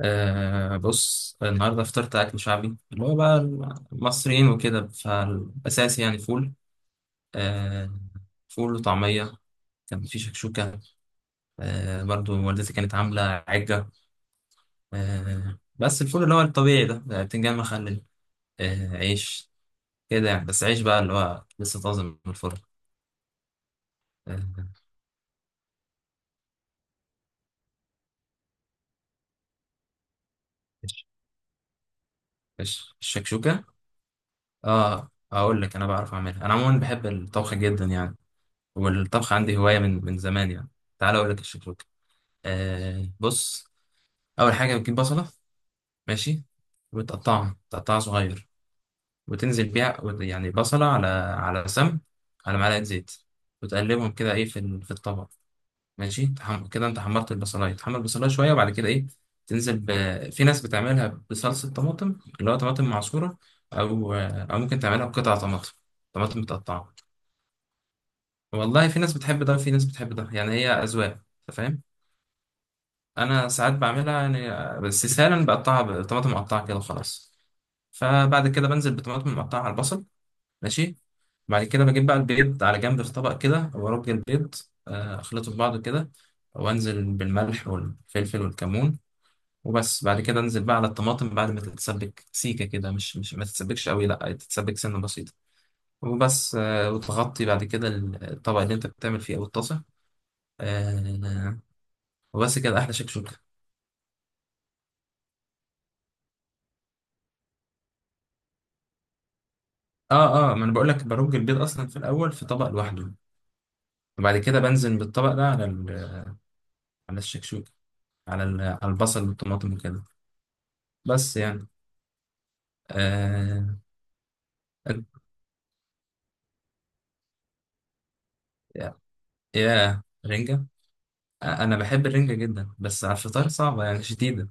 آه، بص النهارده فطرت اكل شعبي اللي هو بقى المصريين وكده فالاساسي يعني فول. آه، فول وطعميه. كان في شكشوكه. آه، برضو والدتي كانت عامله عجه. آه، بس الفول اللي هو الطبيعي ده بتنجان مخلل. آه، عيش كده يعني، بس عيش بقى اللي هو لسه طازه من الفرن. آه. إيش- الشكشوكه؟ اه، اقول لك، انا بعرف اعملها، انا عموما بحب الطبخ جدا يعني. والطبخ عندي هوايه من زمان يعني. تعال اقول لك الشكشوكه. آه، بص، اول حاجه بتجيب بصله. ماشي. وتقطعها صغير. وتنزل بيها يعني بصله على سمن، على معلقه زيت. وتقلبهم كده ايه، في الطبق. ماشي. كده انت حمرت البصلايه، تحمر البصلايه شويه، وبعد كده ايه؟ تنزل ب... في ناس بتعملها بصلصه طماطم، اللي هو طماطم معصوره، او ممكن تعملها بقطع طماطم، طماطم متقطعه. والله في ناس بتحب ده وفي ناس بتحب ده، يعني هي اذواق. أنت فاهم؟ انا ساعات بعملها يعني بس سهلا، بقطعها بطماطم مقطعه كده وخلاص. فبعد كده بنزل بطماطم مقطعه على البصل. ماشي. بعد كده بجيب بقى البيض على جنب في طبق كده، وارج البيض. آه، اخلطه في بعضه كده، وانزل بالملح والفلفل والكمون. وبس. بعد كده انزل بقى على الطماطم بعد ما تتسبك سيكه كده، مش ما تتسبكش قوي، لا تتسبك سنه بسيطه. وبس. وتغطي بعد كده الطبق اللي انت بتعمل فيه او الطاسه. آه، وبس كده احلى شكشوكه. اه، اه، ما انا بقول لك، برج البيض اصلا في الاول في طبق لوحده. وبعد كده بنزل بالطبق ده على الشكشوكه، على البصل والطماطم وكده. بس يعني. آه. يا يا رنجه! آه، انا بحب الرنجه جدا، بس على الفطار صعبه يعني شديده.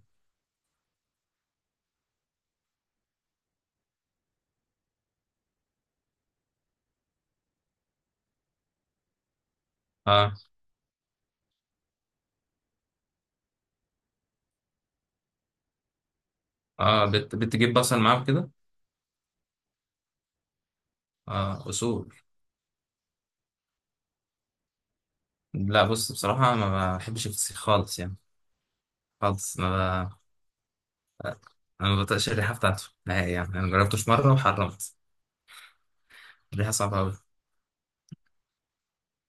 اه، اه، بتجيب بصل معاه كده؟ اه، اصول. لا، بص بصراحه ما بحبش الفسيخ خالص يعني، خالص. ما ب... انا ما بطيقش الريحه بتاعته نهائي يعني، انا جربته في مره وحرمت. الريحه صعبه قوي.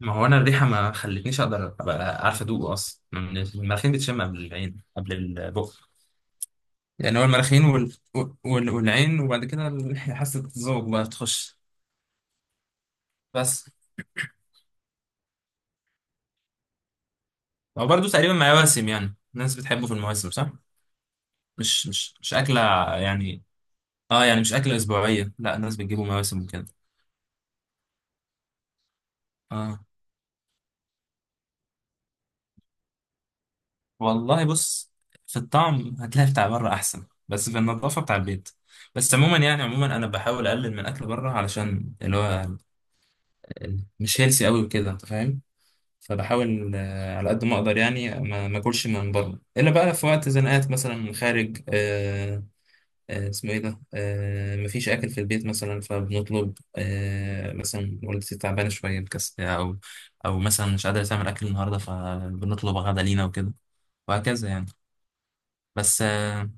ما هو انا الريحه ما خلتنيش اقدر ابقى عارف ادوقه اصلا، من المناخير بتشم قبل العين قبل البق. يعني هو المناخير والعين، وبعد كده حاسه الذوق بقى تخش. بس هو برضه تقريبا مع مواسم يعني، الناس بتحبه في المواسم صح. مش اكله يعني. اه، يعني مش اكله اسبوعيه، لا الناس بتجيبه مواسم وكده. اه. والله بص، في الطعم هتلاقي بتاع بره احسن، بس في النظافه بتاع البيت. بس عموما يعني، عموما انا بحاول اقلل من اكل بره علشان اللي هو مش هيلسي قوي وكده، انت فاهم. فبحاول على قد ما اقدر يعني، ما اكلش من بره الا بقى في وقت زنقات، مثلا من خارج. اسمه ايه ده؟ مفيش اكل في البيت مثلا، فبنطلب. مثلا والدتي تعبانه شويه مكسله، او مثلا مش قادره تعمل اكل النهارده، فبنطلب غدا لينا وكده، وهكذا يعني. بس.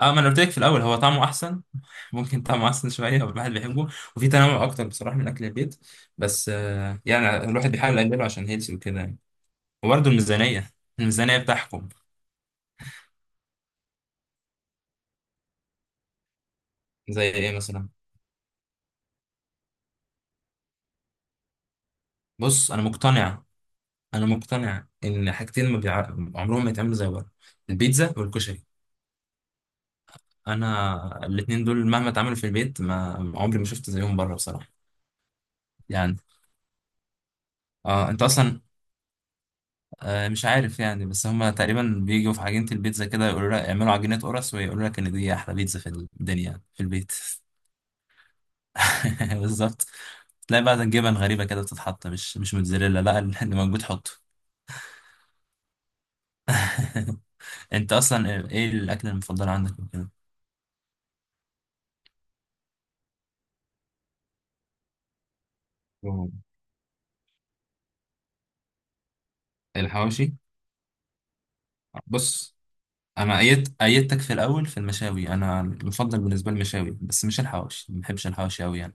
اه، ما انا قلت لك في الاول هو طعمه احسن ممكن طعمه احسن شويه، هو الواحد بيحبه. وفي تنوع اكتر بصراحه من اكل البيت. بس يعني الواحد بيحاول يقلله عشان هيلثي وكده يعني. وبرده الميزانيه. الميزانيه بتحكم. زي ايه مثلا؟ بص، انا مقتنع ان حاجتين ما بيع... عمرهم ما يتعملوا زي بره: البيتزا والكشري. انا الاتنين دول مهما اتعملوا في البيت، ما عمري ما شفت زيهم بره بصراحه يعني. اه، انت اصلا مش عارف يعني، بس هما تقريبا بيجوا في عجينة البيتزا كده، يقولوا لك اعملوا عجينة قرص، ويقولوا لك ان دي احلى بيتزا في الدنيا في البيت. بالظبط. تلاقي بقى جبن غريبة كده بتتحط، مش موتزاريلا، لا اللي موجود حطه. انت اصلا ايه الاكل المفضل عندك وكده؟ مم. الحواوشي؟ بص انا ايدتك في الاول في المشاوي، انا المفضل بالنسبه لي المشاوي بس مش الحواوشي، ما بحبش الحواوشي قوي يعني.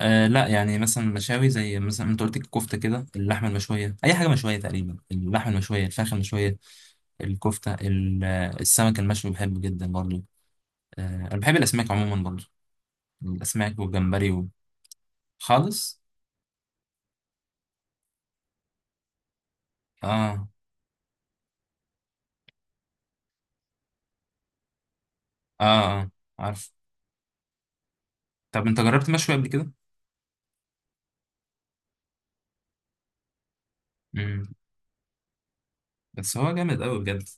آه، لا يعني، مثلا مشاوي زي مثلا انت قلت الكفته كده، اللحمه المشويه، اي حاجه مشويه تقريبا، اللحمه المشويه، الفراخ المشويه، الكفته. السمك المشوي بحبه جدا برضه. آه، انا بحب الاسماك عموما برضه، الاسماك والجمبري خالص. اه، اه، اه، عارف. طب انت جربت مشوي قبل كده؟ امم. بس هو جامد قوي بجد،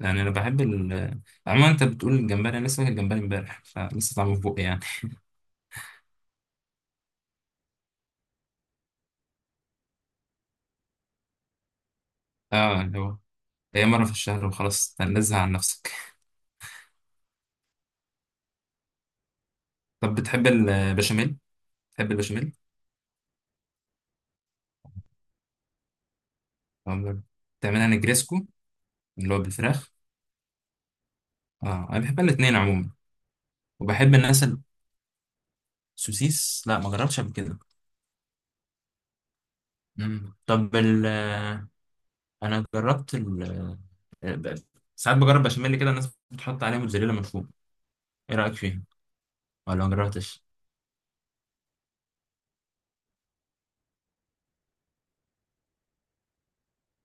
يعني انا بحب عموما. انت بتقول الجمبري، انا لسه واكل جمبري امبارح فلسه طعمه في بقي يعني. اه، اللي هو هي مره في الشهر وخلاص، تنزه عن نفسك. طب بتحب البشاميل؟ بتحب البشاميل عمرك بتعملها نجريسكو، اللي هو بالفراخ؟ اه، انا بحب الاثنين عموما، وبحب الناس. السوسيس؟ لا ما جربتش قبل كده. مم. طب انا جربت ب- ساعات بجرب بشاميل كده، الناس بتحط عليه موتزاريلا من فوق. ايه رايك فيها، ولا ما جربتش؟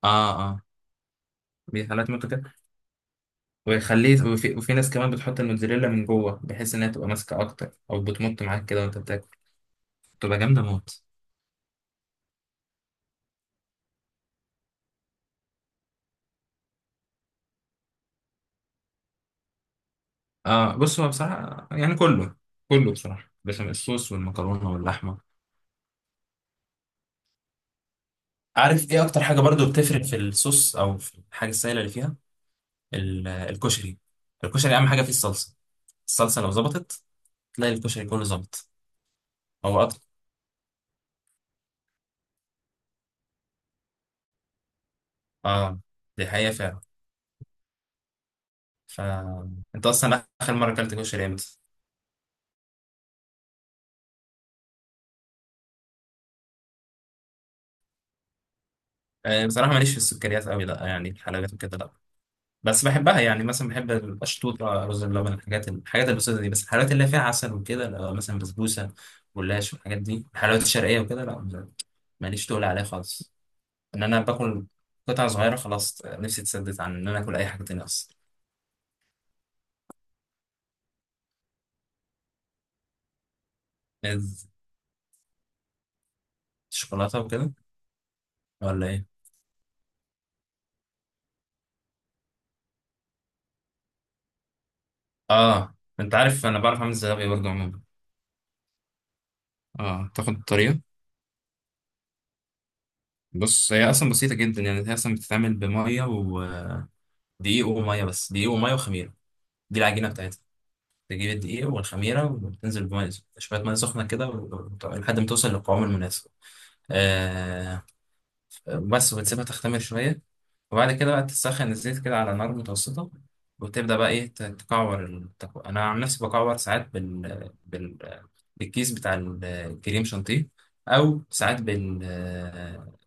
اه، اه، دي حالات ممكن كده. ويخليه، وفي ناس كمان بتحط الموتزاريلا من جوه بحيث انها تبقى ماسكه اكتر، او بتمط معاك كده وانت بتاكل. تبقى جامده موت. آه، بص هو بصراحة يعني كله، كله بصراحة، بس الصوص والمكرونة واللحمة. عارف ايه اكتر حاجه برضو بتفرق في الصوص، او في الحاجه السائله اللي فيها؟ الكشري. الكشري اهم حاجه فيه الصلصه. الصلصه لو ظبطت، تلاقي الكشري كله ظبط. هو اكتر. اه، دي حقيقه فعلا. ف انت اصلا اخر مره اكلت كشري امتى؟ آه، بصراحه ماليش في السكريات قوي، لا يعني الحلويات وكده لا. بس بحبها يعني، مثلا بحب القشطوطه، رز بلبن، الحاجات البسيطه دي، بس الحلويات اللي فيها عسل وكده لا، مثلا بسبوسه، جلاش والحاجات دي، الحلويات الشرقيه وكده لا، ماليش تقول عليها خالص. ان انا باكل قطعه صغيره، خلاص نفسي تسدت عن ان انا اكل اي حاجه تانية اصلا. إز- شوكولاته وكده ولا ايه؟ اه، انت عارف انا بعرف اعمل الزلابيه برضه عموما. اه، تاخد الطريقه؟ بص، هي اصلا بسيطه جدا يعني، هي اصلا بتتعمل بميه ودقيق، وميه، بس دقيق وميه وخميره. دي العجينه بتاعتها. تجيب الدقيق والخميرة وتنزل بمية، شوية مية سخنة كده، لحد ما توصل للقوام المناسب. آه. بس، وتسيبها تختمر شوية. وبعد كده بقى تسخن الزيت كده على نار متوسطة، وتبدأ بقى إيه، تكعور. أنا عن نفسي بكعور ساعات بالكيس بتاع الكريم شانتيه، أو ساعات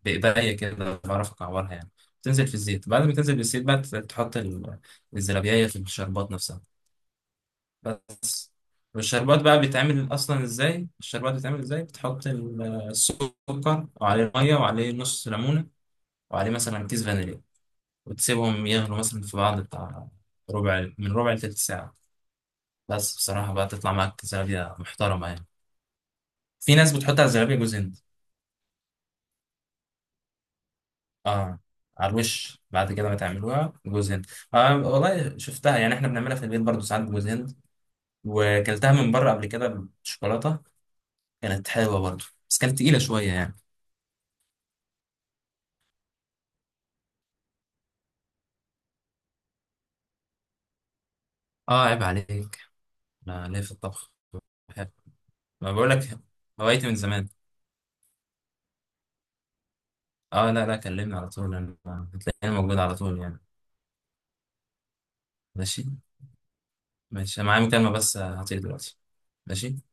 بإيديا كده بعرف أكعورها يعني. تنزل في الزيت، بعد ما تنزل بالزيت بقى تحط الزلابية في الشربات نفسها. بس. والشربات بقى بيتعمل اصلا ازاي؟ الشربات بيتعمل ازاي: بتحط السكر وعليه ميه وعليه نص ليمونه، وعليه مثلا كيس فانيليا، وتسيبهم يغلوا مثلا في بعض بتاع ربع، من ربع لتلت ساعه. بس بصراحه بقى تطلع معاك زلابيه محترمه يعني. في ناس بتحط على الزلابيه جوز هند. اه، على الوش بعد كده ما تعملوها، جوز هند. آه، والله شفتها يعني، احنا بنعملها في البيت برضو ساعات بجوز هند. وكلتها من بره قبل كده بالشوكولاته، كانت حلوه برضو، بس كانت تقيله شويه يعني. اه، عيب عليك. انا ليه في الطبخ، بحب. ما بقول لك، هوايتي من زمان. اه، لا لا، كلمني على طول. انا هتلاقيني موجود على طول يعني. ماشي. ماشي، أنا معايا مكالمة بس هطير دلوقتي. ماشي.